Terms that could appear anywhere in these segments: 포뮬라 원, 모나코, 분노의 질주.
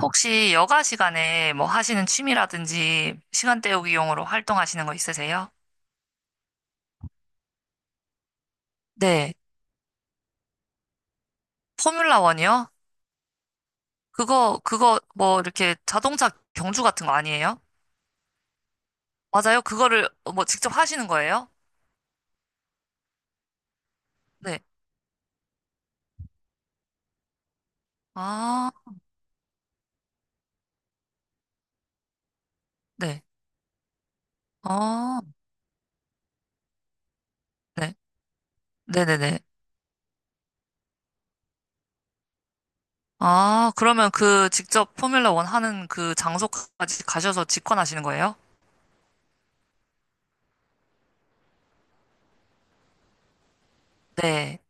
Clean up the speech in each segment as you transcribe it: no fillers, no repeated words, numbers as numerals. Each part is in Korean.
혹시 여가 시간에 뭐 하시는 취미라든지 시간 때우기용으로 활동하시는 거 있으세요? 네. 포뮬라 원이요? 그거 뭐 이렇게 자동차 경주 같은 거 아니에요? 맞아요? 그거를 뭐 직접 하시는 거예요? 네. 아, 네. 아, 네. 네네네. 아, 그러면 그 직접 포뮬라 원 하는 그 장소까지 가셔서 직관하시는 거예요? 네.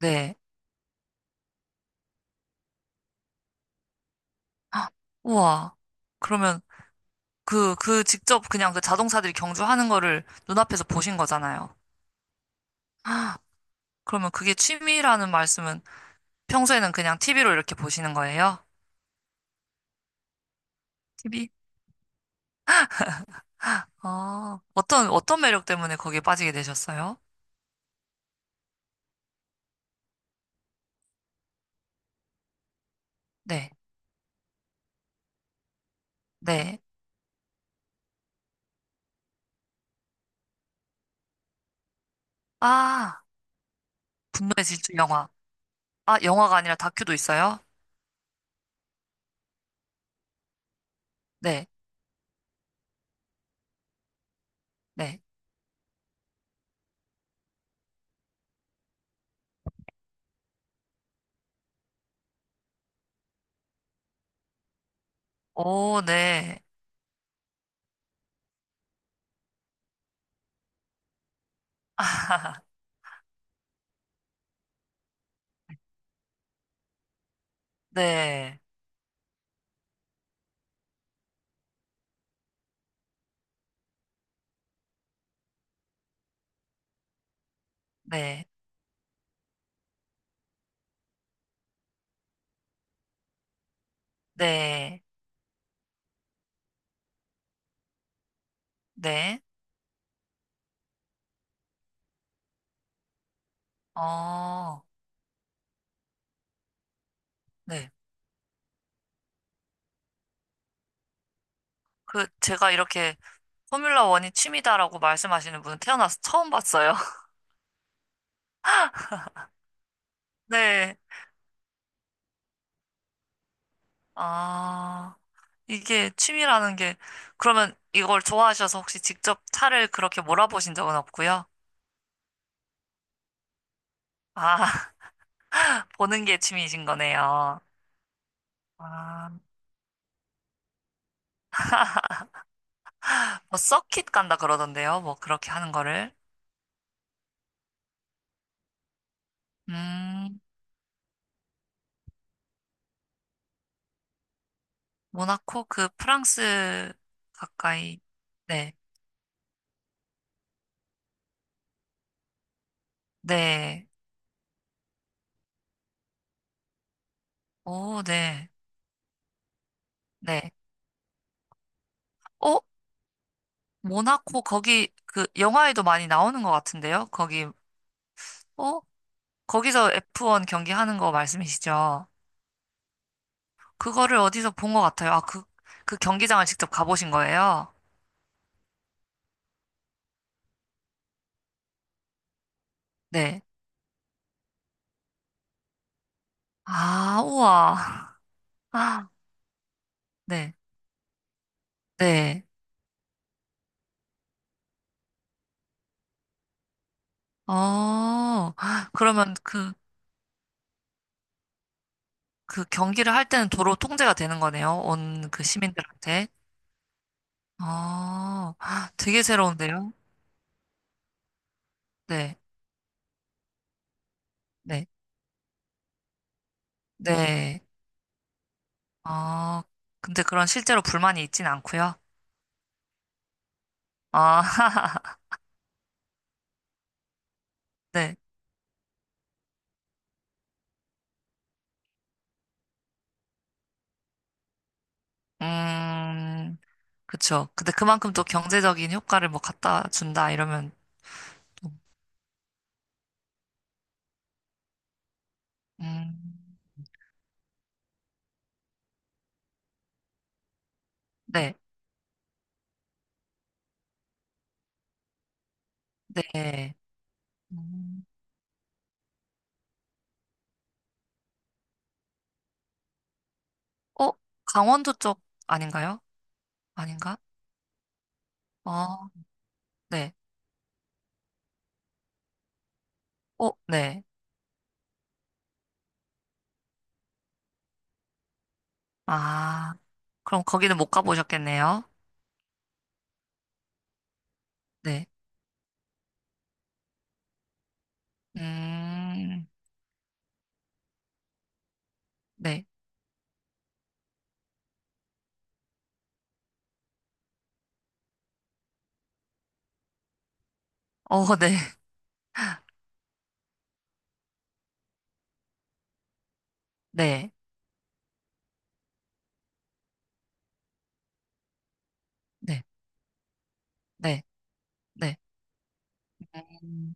네. 헉, 우와. 그러면 그, 그 직접 그냥 그 자동차들이 경주하는 거를 눈앞에서 보신 거잖아요. 아, 그러면 그게 취미라는 말씀은 평소에는 그냥 TV로 이렇게 보시는 거예요? TV? 아, 어떤, 어떤 매력 때문에 거기에 빠지게 되셨어요? 네, 네. 아, 분노의 질주 영화. 아, 영화가 아니라 다큐도 있어요? 네, 네. 오, 네. 네, 네, 네, 네. 어, 네. 그, 제가 이렇게 포뮬러 원이 취미다라고 말씀하시는 분은 태어나서 처음 봤어요. 네. 아, 이게 취미라는 게, 그러면 이걸 좋아하셔서 혹시 직접 차를 그렇게 몰아보신 적은 없고요? 아, 보는 게 취미이신 거네요. 아, 뭐 서킷 간다 그러던데요. 뭐 그렇게 하는 거를. 음, 모나코 그 프랑스 가까이. 네. 네. 오, 네. 네. 어? 모나코 거기 그 영화에도 많이 나오는 것 같은데요. 거기 어? 거기서 F1 경기 하는 거 말씀이시죠? 그거를 어디서 본 것 같아요. 아, 그, 그 경기장을 직접 가보신 거예요? 네. 아, 우와. 아, 네. 네. 어, 그러면 그, 그 경기를 할 때는 도로 통제가 되는 거네요. 온 그 시민들한테. 어, 되게 새로운데요? 네. 네. 네. 어, 근데 그런 실제로 불만이 있진 않고요. 아, 네. 음, 그쵸. 근데 그만큼 또 경제적인 효과를 뭐 갖다 준다 이러면 또, 음, 네, 네. 음. 어, 강원도 쪽 아닌가요? 아닌가? 어, 네. 어, 네. 아, 그럼 거기는 못 가보셨겠네요. 네. 음, 네. 어, 네. 네. 네. 네. 네. 음.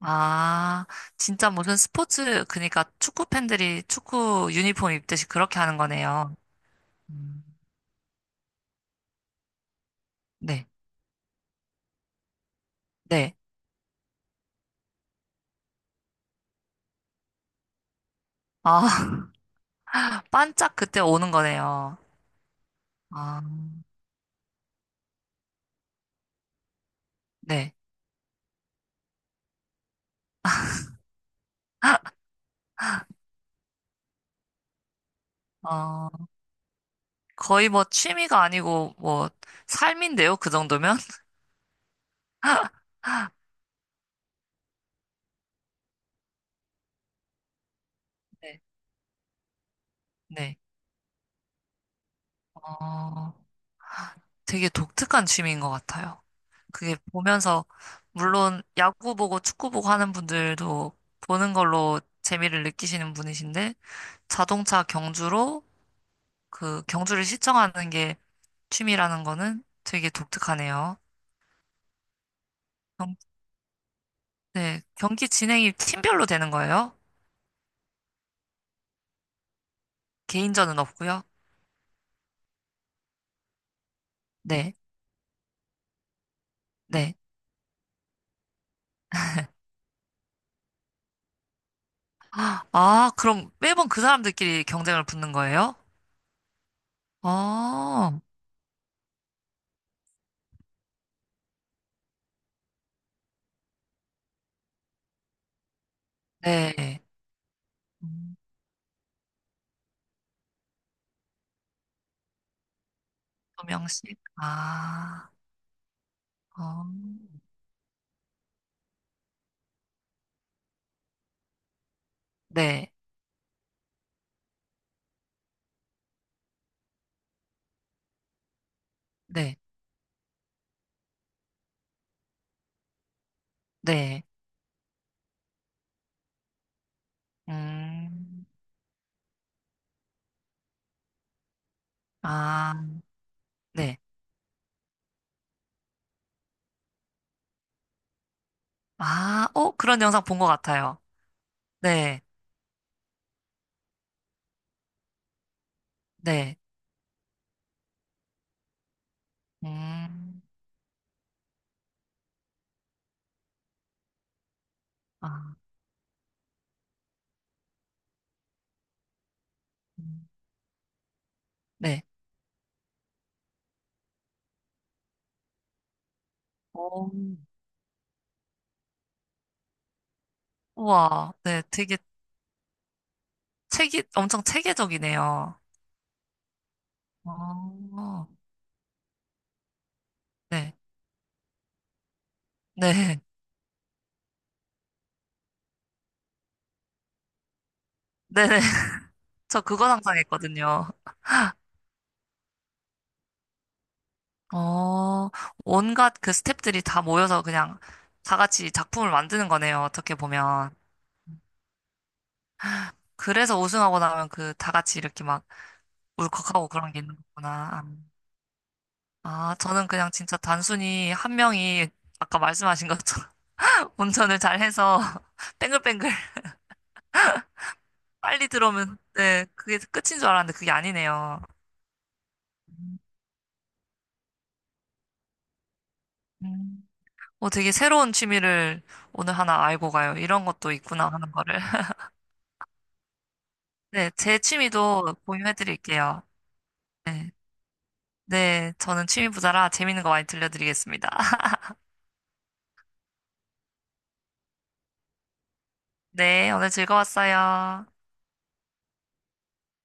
아, 진짜 무슨 스포츠, 그러니까 축구 팬들이 축구 유니폼 입듯이 그렇게 하는 거네요. 음, 네. 네. 아, 반짝 그때 오는 거네요. 아, 네. 어, 거의 뭐 취미가 아니고 뭐 삶인데요, 그 정도면? 네. 네. 어, 되게 독특한 취미인 것 같아요. 그게 보면서, 물론 야구 보고 축구 보고 하는 분들도 보는 걸로 재미를 느끼시는 분이신데, 자동차 경주로 그 경주를 시청하는 게 취미라는 거는 되게 독특하네요. 경, 네. 경기 진행이 팀별로 되는 거예요? 개인전은 없고요. 네, 네. 아, 그럼 매번 그 사람들끼리 경쟁을 붙는 거예요? 어, 네. 음, 조명식. 아, 어, 네, 네, 네. 음, 아, 네. 아, 어, 그런 영상 본 것 같아요. 네, 네. 음, 아, 음, 네. 오, 우와, 네. 되게 체계, 엄청 체계적이네요. 어, 네, 네, 네. 네. 저 그거 상상했거든요. 어, 온갖 그 스태프들이 다 모여서 그냥 다 같이 작품을 만드는 거네요. 어떻게 보면. 그래서 우승하고 나면 그 다 같이 이렇게 막 울컥하고 그런 게 있는 거구나. 아, 저는 그냥 진짜 단순히 한 명이 아까 말씀하신 것처럼 운전을 잘 해서 뱅글뱅글 빨리 들어오면 네, 그게 끝인 줄 알았는데 그게 아니네요. 음. 어, 되게 새로운 취미를 오늘 하나 알고 가요. 이런 것도 있구나 하는 거를. 네, 제 취미도 공유해 드릴게요. 네, 네, 저는 취미 부자라 재밌는 거 많이 들려드리겠습니다. 네, 오늘 즐거웠어요.